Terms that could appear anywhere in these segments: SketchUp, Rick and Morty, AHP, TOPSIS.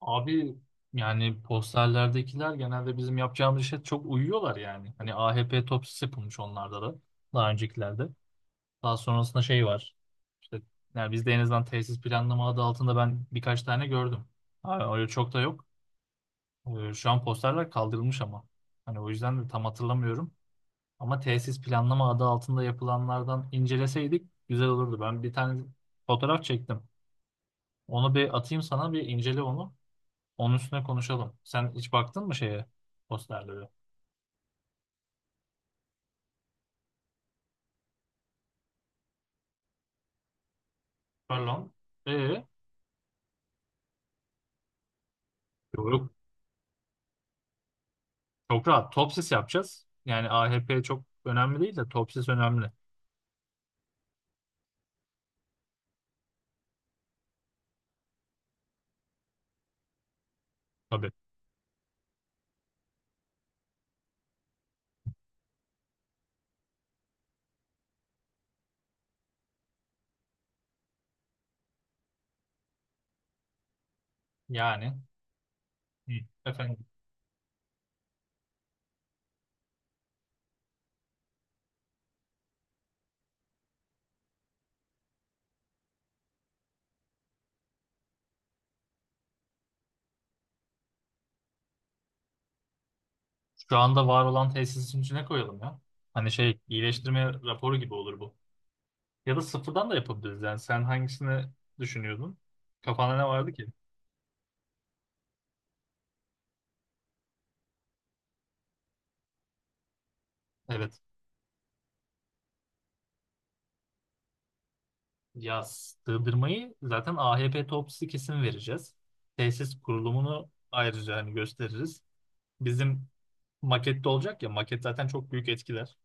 Abi yani posterlerdekiler genelde bizim yapacağımız işe çok uyuyorlar yani. Hani AHP topsisi yapılmış onlarda da daha öncekilerde. Daha sonrasında şey var. İşte yani bizde en azından tesis planlama adı altında ben birkaç tane gördüm. Ha, öyle çok da yok. Şu an posterler kaldırılmış ama. Hani o yüzden de tam hatırlamıyorum. Ama tesis planlama adı altında yapılanlardan inceleseydik güzel olurdu. Ben bir tane fotoğraf çektim. Onu bir atayım sana, bir incele onu. Onun üstüne konuşalım. Sen hiç baktın mı şeye, posterlere? Pardon. Yok, yok. Çok rahat. Topsis yapacağız. Yani AHP çok önemli değil de topsis önemli. Tabii. Yani hı, efendim, şu anda var olan tesisin içine koyalım ya. Hani şey, iyileştirme raporu gibi olur bu. Ya da sıfırdan da yapabiliriz. Yani sen hangisini düşünüyordun? Kafanda ne vardı ki? Evet. Ya sığdırmayı zaten AHP topsisi kesin vereceğiz. Tesis kurulumunu ayrıca hani gösteririz. Bizim makette olacak ya, maket zaten çok büyük etkiler.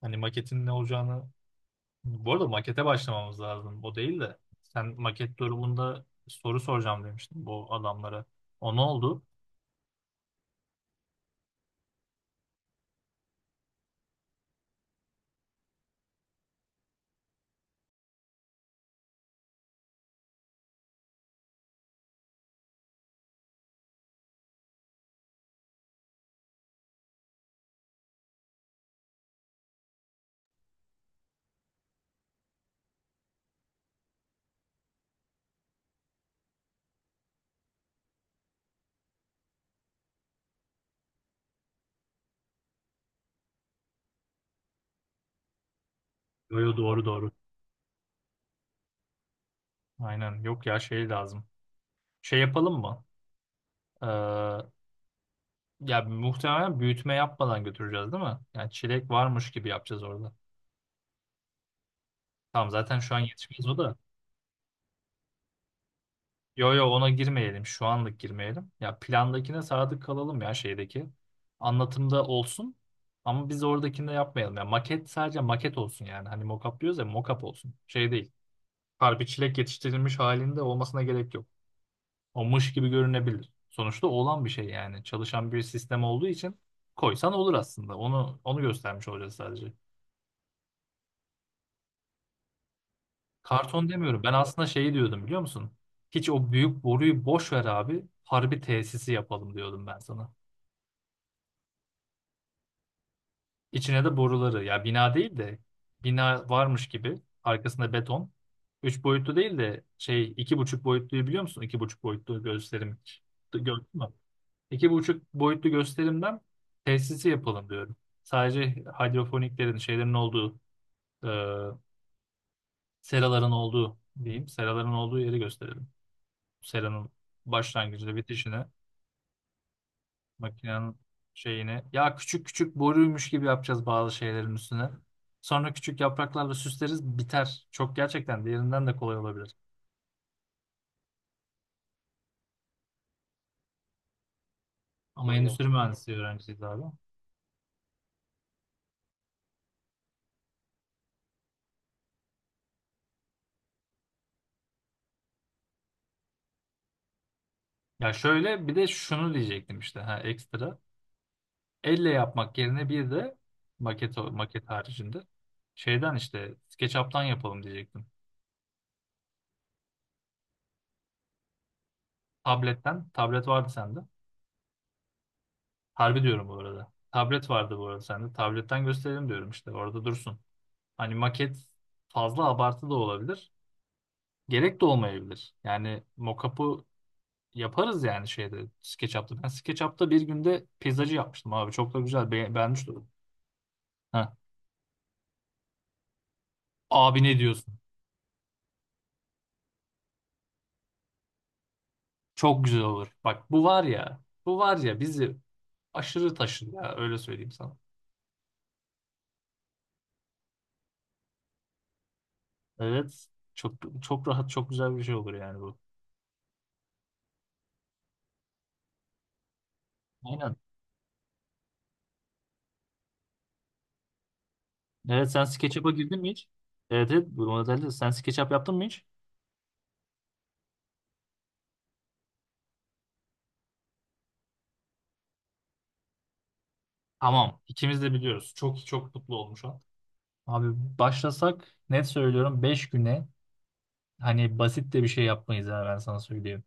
Hani maketin ne olacağını, bu arada makete başlamamız lazım. O değil de sen maket durumunda soru soracağım demiştin bu adamlara. O ne oldu? Yo, yo, doğru doğru. Aynen, yok ya, şey lazım. Şey yapalım mı? Ee, ya muhtemelen büyütme yapmadan götüreceğiz değil mi? Yani çilek varmış gibi yapacağız orada. Tamam, zaten şu an yetişmez o da. Yo yo, ona girmeyelim. Şu anlık girmeyelim. Ya plandakine sadık kalalım, ya şeydeki. Anlatımda olsun. Ama biz oradakini de yapmayalım. Ya maket sadece maket olsun yani. Hani mock-up diyoruz ya, mock-up olsun. Şey değil. Harbi çilek yetiştirilmiş halinde olmasına gerek yok. O mış gibi görünebilir. Sonuçta olan bir şey yani. Çalışan bir sistem olduğu için koysan olur aslında. Onu göstermiş olacağız sadece. Karton demiyorum. Ben aslında şeyi diyordum, biliyor musun? Hiç o büyük boruyu boş ver abi. Harbi tesisi yapalım diyordum ben sana. İçine de boruları. Ya bina değil de bina varmış gibi. Arkasında beton. Üç boyutlu değil de şey, iki buçuk boyutluyu biliyor musun? İki buçuk boyutlu gösterim. Gördün mü? İki buçuk boyutlu gösterimden tesisi yapalım diyorum. Sadece hidrofoniklerin, şeylerin olduğu e, seraların olduğu diyeyim. Seraların olduğu yeri gösterelim. Seranın başlangıcı ve bitişine. Makinenin şeyini. Ya küçük küçük boruymuş gibi yapacağız bazı şeylerin üstüne. Sonra küçük yapraklarla süsleriz, biter. Çok gerçekten, diğerinden de kolay olabilir. Ama aynen, endüstri mühendisliği öğrencisiyiz abi. Ya şöyle bir de şunu diyecektim işte, ha, ekstra. Elle yapmak yerine bir de maket haricinde şeyden işte SketchUp'tan yapalım diyecektim. Tabletten. Tablet vardı sende. Harbi diyorum bu arada. Tablet vardı bu arada sende. Tabletten gösterelim diyorum işte. Orada dursun. Hani maket fazla abartı da olabilir. Gerek de olmayabilir. Yani mockup'ı yaparız yani şeyde, SketchUp'ta. Ben SketchUp'ta bir günde peyzajı yapmıştım abi. Çok da güzel. Beğenmiş de oldum. Heh. Abi ne diyorsun? Çok güzel olur. Bak bu var ya. Bu var ya bizi aşırı taşır ya. Öyle söyleyeyim sana. Evet. Çok çok rahat, çok güzel bir şey olur yani bu. Aynen. Evet, sen SketchUp'a girdin mi hiç? Evet, evet, bu modelde sen SketchUp yaptın mı hiç? Tamam. İkimiz de biliyoruz. Çok çok mutlu olmuş. Abi, başlasak net söylüyorum, 5 güne hani basit de bir şey yapmayız ha, ben sana söyleyeyim.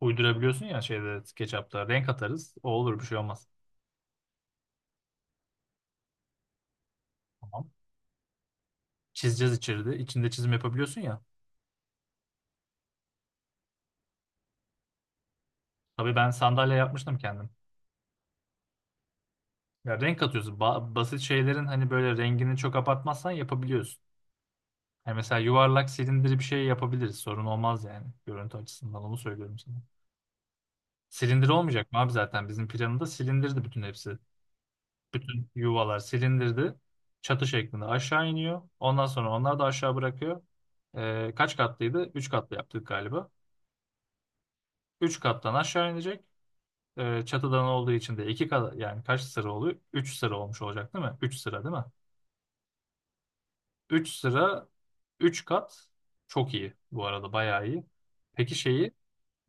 Uydurabiliyorsun ya şeyde, SketchUp'ta renk atarız, o olur, bir şey olmaz. Tamam. Çizeceğiz içeride, içinde çizim yapabiliyorsun ya. Tabii, ben sandalye yapmıştım kendim. Ya renk atıyorsun, basit şeylerin hani böyle rengini çok abartmazsan yapabiliyorsun. Yani mesela yuvarlak silindiri bir şey yapabiliriz, sorun olmaz yani görüntü açısından, onu söylüyorum sana. Silindir olmayacak mı abi, zaten bizim planında silindirdi bütün hepsi. Bütün yuvalar silindirdi. Çatı şeklinde aşağı iniyor. Ondan sonra onlar da aşağı bırakıyor. Kaç katlıydı? Üç katlı yaptık galiba. Üç kattan aşağı inecek. Çatıdan olduğu için de iki kat, yani kaç sıra oluyor? Üç sıra olmuş olacak değil mi? Üç sıra değil mi? Üç sıra, üç kat, çok iyi bu arada, bayağı iyi. Peki şeyi,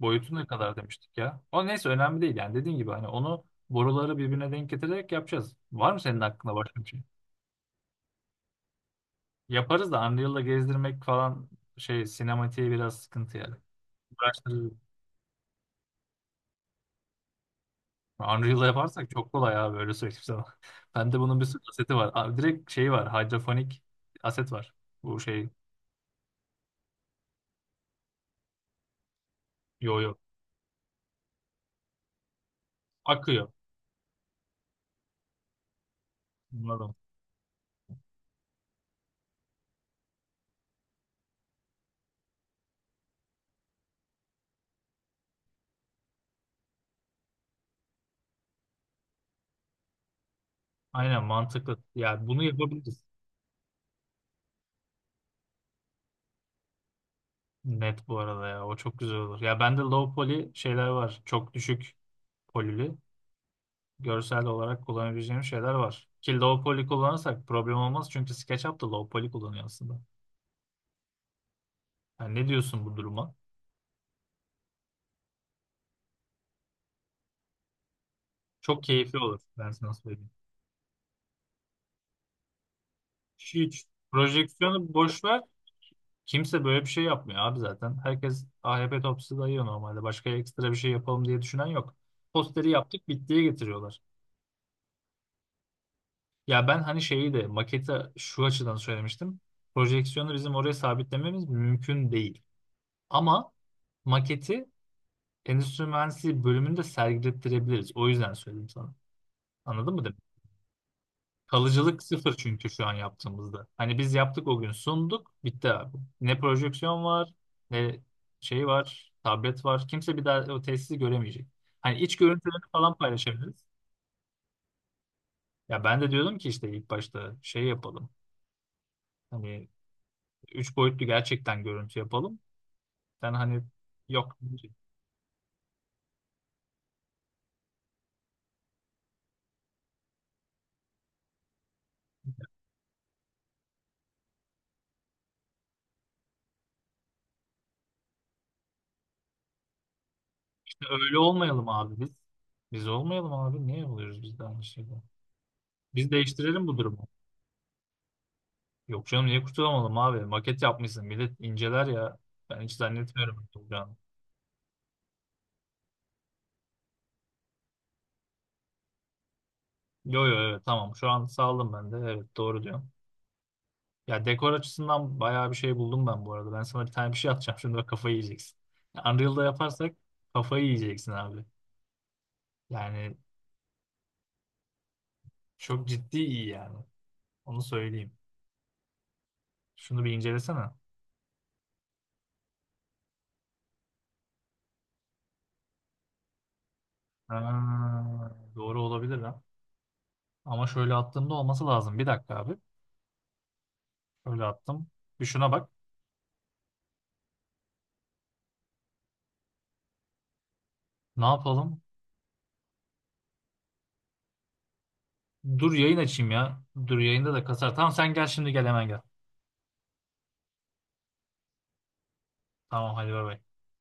boyutu ne kadar demiştik ya? O neyse önemli değil yani, dediğin gibi hani onu boruları birbirine denk getirerek yapacağız. Var mı senin aklında başka bir şey? Yaparız da Unreal'la gezdirmek falan şey, sinematiğe biraz sıkıntı yani. Uğraştırır. Unreal'la yaparsak çok kolay abi, öyle söyleyeyim sana. Bende bunun bir sürü aseti var. Abi direkt şey var, hidrofonik aset var. Bu şey, yo yo, akıyor. Anladım. Aynen, mantıklı. Ya bunu yapabiliriz. Net bu arada ya, o çok güzel olur. Ya bende low poly şeyler var. Çok düşük polili. Görsel olarak kullanabileceğim şeyler var. Ki low poly kullanırsak problem olmaz çünkü SketchUp da low poly kullanıyor aslında. Yani ne diyorsun bu duruma? Çok keyifli olur. Ben sana söyleyeyim. Hiç. Projeksiyonu boş ver. Kimse böyle bir şey yapmıyor abi zaten. Herkes AHP topçusu dayıyor normalde. Başka ekstra bir şey yapalım diye düşünen yok. Posteri yaptık, bittiye getiriyorlar. Ya ben hani şeyi de, maketi şu açıdan söylemiştim. Projeksiyonu bizim oraya sabitlememiz mümkün değil. Ama maketi endüstri mühendisliği bölümünde sergilettirebiliriz. O yüzden söyledim sana. Anladın mı? Kalıcılık sıfır çünkü şu an yaptığımızda. Hani biz yaptık o gün, sunduk, bitti abi. Ne projeksiyon var, ne şey var, tablet var. Kimse bir daha o tesisi göremeyecek. Hani iç görüntülerini falan paylaşabiliriz. Ya ben de diyordum ki işte, ilk başta şey yapalım. Hani üç boyutlu gerçekten görüntü yapalım. Sen hani, yok işte, öyle olmayalım abi biz. Biz olmayalım abi. Niye oluyoruz biz de aynı şeyden? Biz değiştirelim bu durumu. Yok canım, niye kurtulamadım abi? Maket yapmışsın. Millet inceler ya. Ben hiç zannetmiyorum olacağını. Yo yo, evet, tamam. Şu an sağladım ben de. Evet, doğru diyorum. Ya dekor açısından bayağı bir şey buldum ben bu arada. Ben sana bir tane bir şey atacağım. Şimdi bak, kafayı yiyeceksin. Ya, Unreal'da yaparsak kafayı yiyeceksin abi. Yani çok ciddi iyi yani. Onu söyleyeyim. Şunu bir incelesene. Ha, doğru olabilir ha. Ama şöyle attığımda olması lazım. Bir dakika abi. Şöyle attım. Bir şuna bak. Ne yapalım? Dur yayın açayım ya. Dur yayında da kasar. Tamam, sen gel şimdi, gel hemen gel. Tamam hadi, bay bay.